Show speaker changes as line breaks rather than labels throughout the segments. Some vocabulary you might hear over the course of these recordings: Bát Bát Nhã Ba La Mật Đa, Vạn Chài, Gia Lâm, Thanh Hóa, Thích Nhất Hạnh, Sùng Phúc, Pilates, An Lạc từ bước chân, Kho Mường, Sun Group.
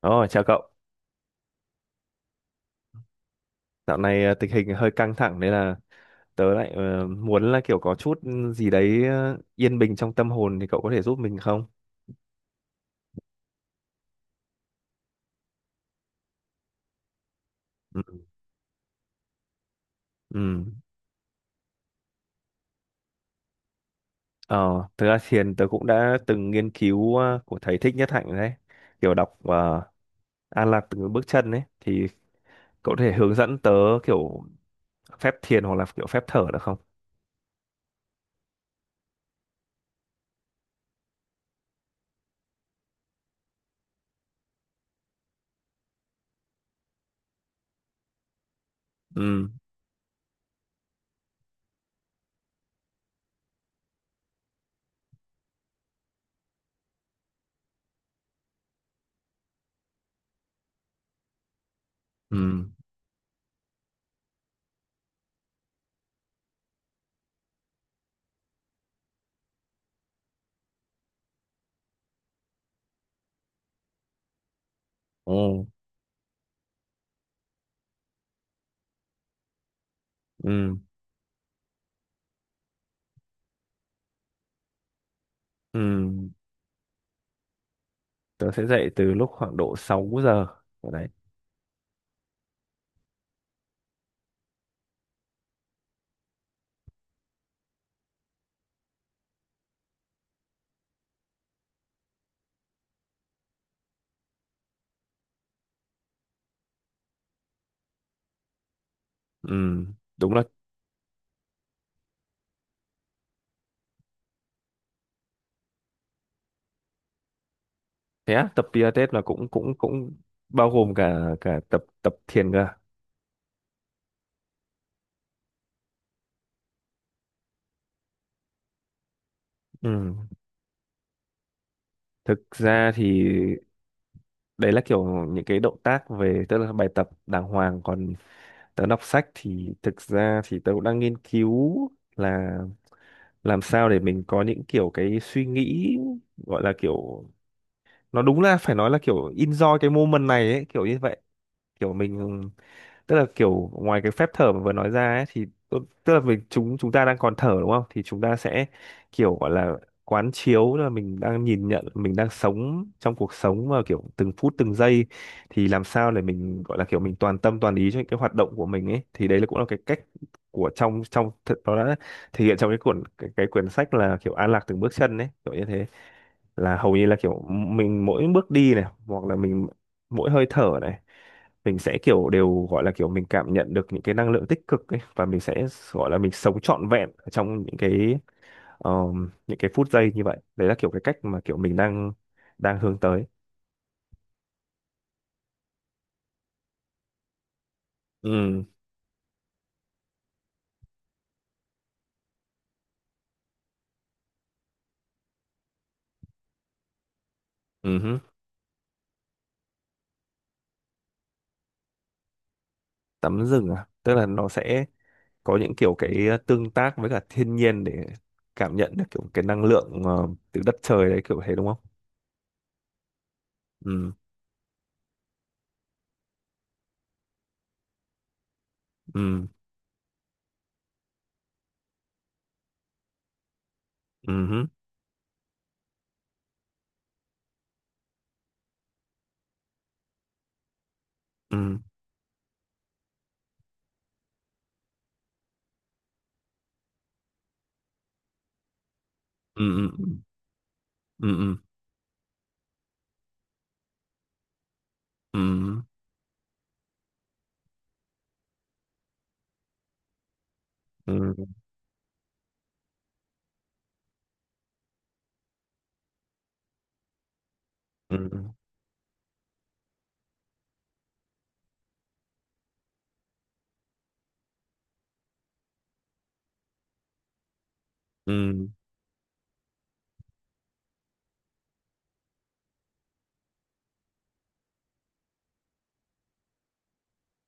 Ồ, chào cậu. Dạo này tình hình hơi căng thẳng nên là tớ lại muốn là kiểu có chút gì đấy yên bình trong tâm hồn thì cậu có thể giúp mình không? Ừ. Ừ. Ờ, Thực ra thiền tớ cũng đã từng nghiên cứu của thầy Thích Nhất Hạnh rồi đấy. Kiểu đọc An Lạc Từ Bước Chân ấy thì cậu có thể hướng dẫn tớ kiểu phép thiền hoặc là kiểu phép thở được không? Ừ. Ừ. Ồ. Ừ. Ừ. Tớ sẽ dậy từ lúc khoảng độ 6 giờ. Ở đấy. Ừ. Đúng là thế á, tập Pilates là cũng cũng cũng bao gồm cả cả tập tập thiền cơ à? Ừ. Thực ra thì đấy là kiểu những cái động tác về tức là bài tập đàng hoàng, còn tớ đọc sách thì thực ra thì tớ cũng đang nghiên cứu là làm sao để mình có những kiểu cái suy nghĩ gọi là kiểu nó đúng là phải nói là kiểu enjoy cái moment này ấy kiểu như vậy, kiểu mình tức là kiểu ngoài cái phép thở mà vừa nói ra ấy, thì tức là mình chúng chúng ta đang còn thở đúng không thì chúng ta sẽ kiểu gọi là quán chiếu là mình đang nhìn nhận mình đang sống trong cuộc sống mà kiểu từng phút từng giây, thì làm sao để mình gọi là kiểu mình toàn tâm toàn ý cho những cái hoạt động của mình ấy thì đấy là cũng là cái cách của trong trong nó đã thể hiện trong cái cuốn cái quyển sách là kiểu An Lạc Từng Bước Chân ấy kiểu như thế, là hầu như là kiểu mình mỗi bước đi này hoặc là mình mỗi hơi thở này mình sẽ kiểu đều gọi là kiểu mình cảm nhận được những cái năng lượng tích cực ấy và mình sẽ gọi là mình sống trọn vẹn ở trong những cái phút giây như vậy, đấy là kiểu cái cách mà kiểu mình đang đang hướng tới. Ừ. Ừ hứ. Tắm rừng à, tức là nó sẽ có những kiểu cái tương tác với cả thiên nhiên để cảm nhận được kiểu cái năng lượng từ đất trời đấy kiểu thế đúng không? Ừ, ừ, ừ hứ, ừ, ừ, ừ, ừ, ừ, ừ, ừ, ừ, ừ, ừ, ừ,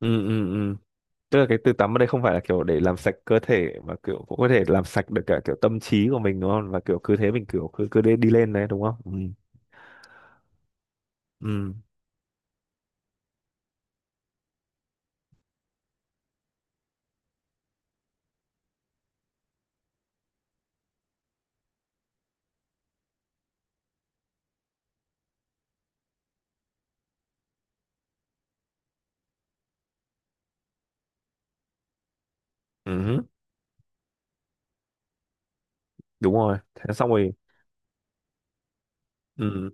ừ, ừ, ừ, ừ. Tức là cái từ tắm ở đây không phải là kiểu để làm sạch cơ thể mà kiểu cũng có thể làm sạch được cả kiểu tâm trí của mình đúng không, và kiểu cứ thế mình kiểu cứ cứ đi, đi lên đấy đúng không? Ừ, ừ, ừ. Đúng rồi, thế xong rồi. Ừ,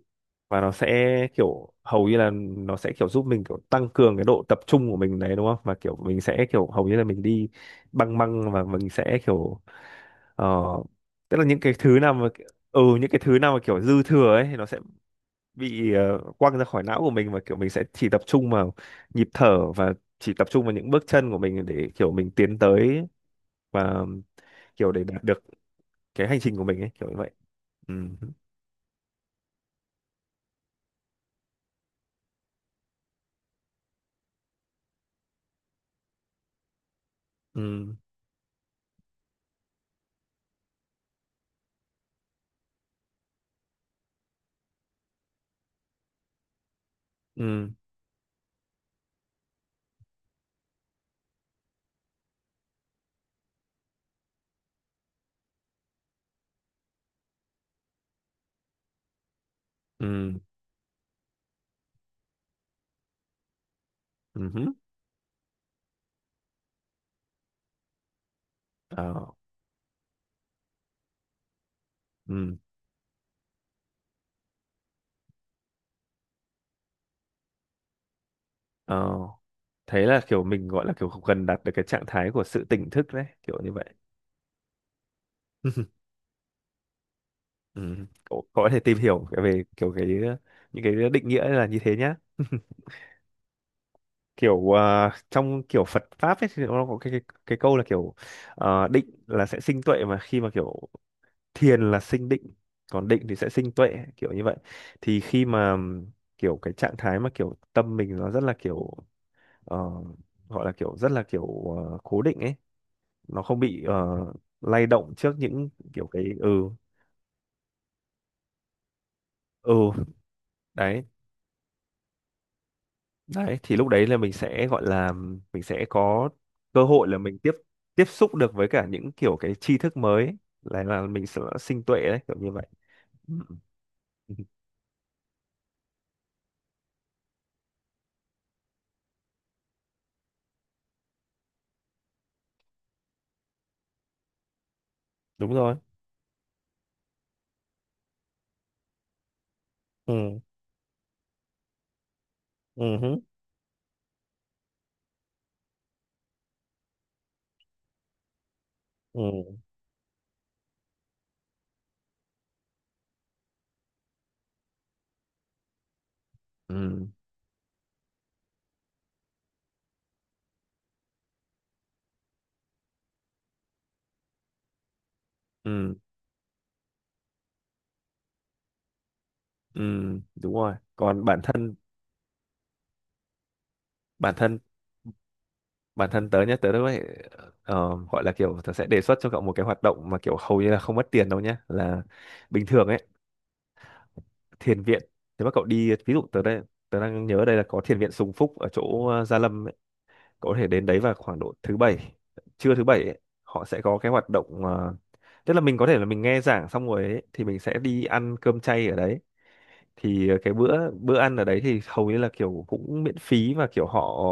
và nó sẽ kiểu hầu như là nó sẽ kiểu giúp mình kiểu tăng cường cái độ tập trung của mình đấy đúng không, và kiểu mình sẽ kiểu hầu như là mình đi băng băng, và mình sẽ kiểu ờ, tức là những cái thứ nào mà kiểu dư thừa ấy thì nó sẽ bị quăng ra khỏi não của mình, và kiểu mình sẽ chỉ tập trung vào nhịp thở và chỉ tập trung vào những bước chân của mình để kiểu mình tiến tới và kiểu để đạt được cái hành trình của mình ấy kiểu như vậy. Ừ, ừ, ừ, ừ, ừ hứ. ờ ừ ờ Thế là kiểu mình gọi là kiểu gần đạt được cái trạng thái của sự tỉnh thức đấy kiểu như vậy. Ừ. cậu cậu có thể tìm hiểu về kiểu cái những cái định nghĩa là như thế nhá, kiểu trong kiểu Phật pháp ấy thì nó có cái câu là kiểu định là sẽ sinh tuệ, mà khi mà kiểu thiền là sinh định, còn định thì sẽ sinh tuệ kiểu như vậy. Thì khi mà kiểu cái trạng thái mà kiểu tâm mình nó rất là kiểu ờ, gọi là kiểu rất là kiểu cố định ấy, nó không bị lay động trước những kiểu cái ừ đấy đấy thì lúc đấy là mình sẽ gọi là mình sẽ có cơ hội là mình tiếp tiếp xúc được với cả những kiểu cái tri thức mới, là mình sẽ sinh tuệ đấy kiểu như vậy. Ừ. Ừ, đúng rồi. Ừ, ừ hứ, ừ, ừ, ừ, ừ. Đúng rồi, còn bản thân bản thân tớ nhé, tớ đã vậy, gọi là kiểu tớ sẽ đề xuất cho cậu một cái hoạt động mà kiểu hầu như là không mất tiền đâu nhé, là bình thường ấy, thiền viện, nếu mà cậu đi, ví dụ tớ đây, tớ đang nhớ đây là có thiền viện Sùng Phúc ở chỗ Gia Lâm ấy, có thể đến đấy vào khoảng độ thứ bảy, trưa thứ bảy ấy, họ sẽ có cái hoạt động tức là mình có thể là mình nghe giảng xong rồi ấy, thì mình sẽ đi ăn cơm chay ở đấy, thì cái bữa bữa ăn ở đấy thì hầu như là kiểu cũng miễn phí, và kiểu họ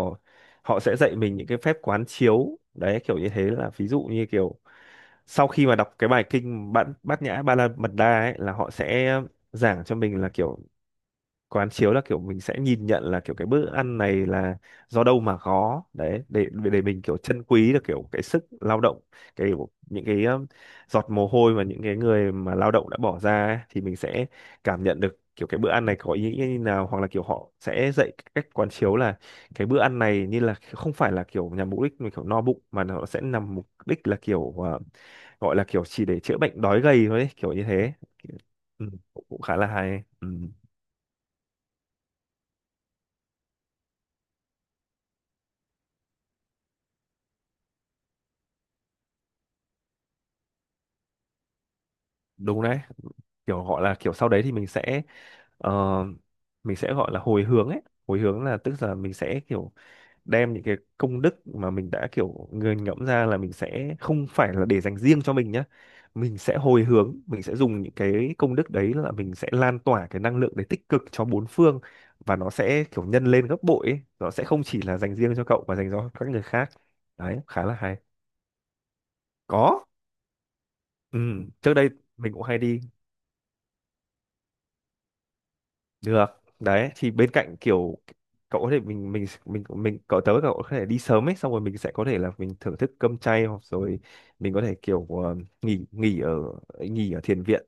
họ sẽ dạy mình những cái phép quán chiếu đấy kiểu như thế, là ví dụ như kiểu sau khi mà đọc cái bài kinh Bát Bát Nhã Ba La Mật Đa ấy là họ sẽ giảng cho mình là kiểu quán chiếu là kiểu mình sẽ nhìn nhận là kiểu cái bữa ăn này là do đâu mà có đấy, để mình kiểu trân quý được kiểu cái sức lao động, cái kiểu những cái giọt mồ hôi mà những cái người mà lao động đã bỏ ra ấy, thì mình sẽ cảm nhận được kiểu cái bữa ăn này có ý nghĩa như nào, hoặc là kiểu họ sẽ dạy cách quán chiếu là cái bữa ăn này như là không phải là kiểu nhằm mục đích mình kiểu no bụng, mà nó sẽ nằm mục đích là kiểu gọi là kiểu chỉ để chữa bệnh đói gầy thôi ấy, kiểu như thế. Ừ, cũng cũng khá là hay. Ừ. Đúng đấy, kiểu gọi là kiểu sau đấy thì mình sẽ ờ, mình sẽ gọi là hồi hướng ấy, hồi hướng là tức là mình sẽ kiểu đem những cái công đức mà mình đã kiểu nghiền ngẫm ra là mình sẽ không phải là để dành riêng cho mình nhá, mình sẽ hồi hướng, mình sẽ dùng những cái công đức đấy là mình sẽ lan tỏa cái năng lượng đấy tích cực cho bốn phương, và nó sẽ kiểu nhân lên gấp bội ấy. Nó sẽ không chỉ là dành riêng cho cậu mà dành cho các người khác, đấy khá là hay. Có. Ừ, trước đây mình cũng hay đi. Được. Đấy thì bên cạnh kiểu cậu có thể mình cậu tới cậu có thể đi sớm ấy, xong rồi mình sẽ có thể là mình thưởng thức cơm chay, hoặc rồi mình có thể kiểu nghỉ nghỉ ở thiền viện.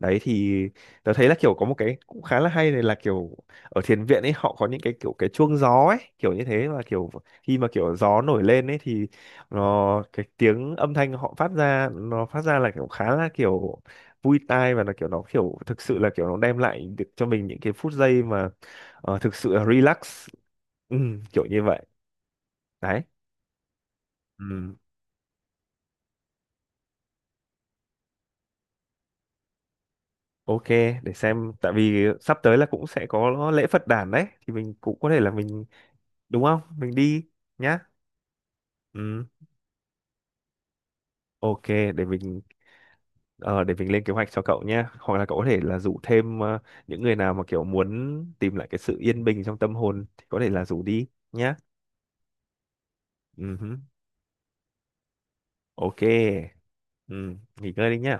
Đấy thì tớ thấy là kiểu có một cái cũng khá là hay này, là kiểu ở thiền viện ấy họ có những cái kiểu cái chuông gió ấy, kiểu như thế, và kiểu khi mà kiểu gió nổi lên ấy thì nó cái tiếng âm thanh họ phát ra, nó phát ra là kiểu khá là kiểu vui tai, và là kiểu nó kiểu thực sự là kiểu nó đem lại được cho mình những cái phút giây mà thực sự là relax. Ừ, kiểu như vậy đấy. Ừ, OK, để xem, tại vì sắp tới là cũng sẽ có lễ Phật đản đấy thì mình cũng có thể là mình đúng không mình đi nhá. Ừ, OK, để mình lên kế hoạch cho cậu nhá, hoặc là cậu có thể là rủ thêm những người nào mà kiểu muốn tìm lại cái sự yên bình trong tâm hồn thì có thể là rủ đi nhá. Ừ hứ. OK. Ừ, nghỉ ngơi đi nhá.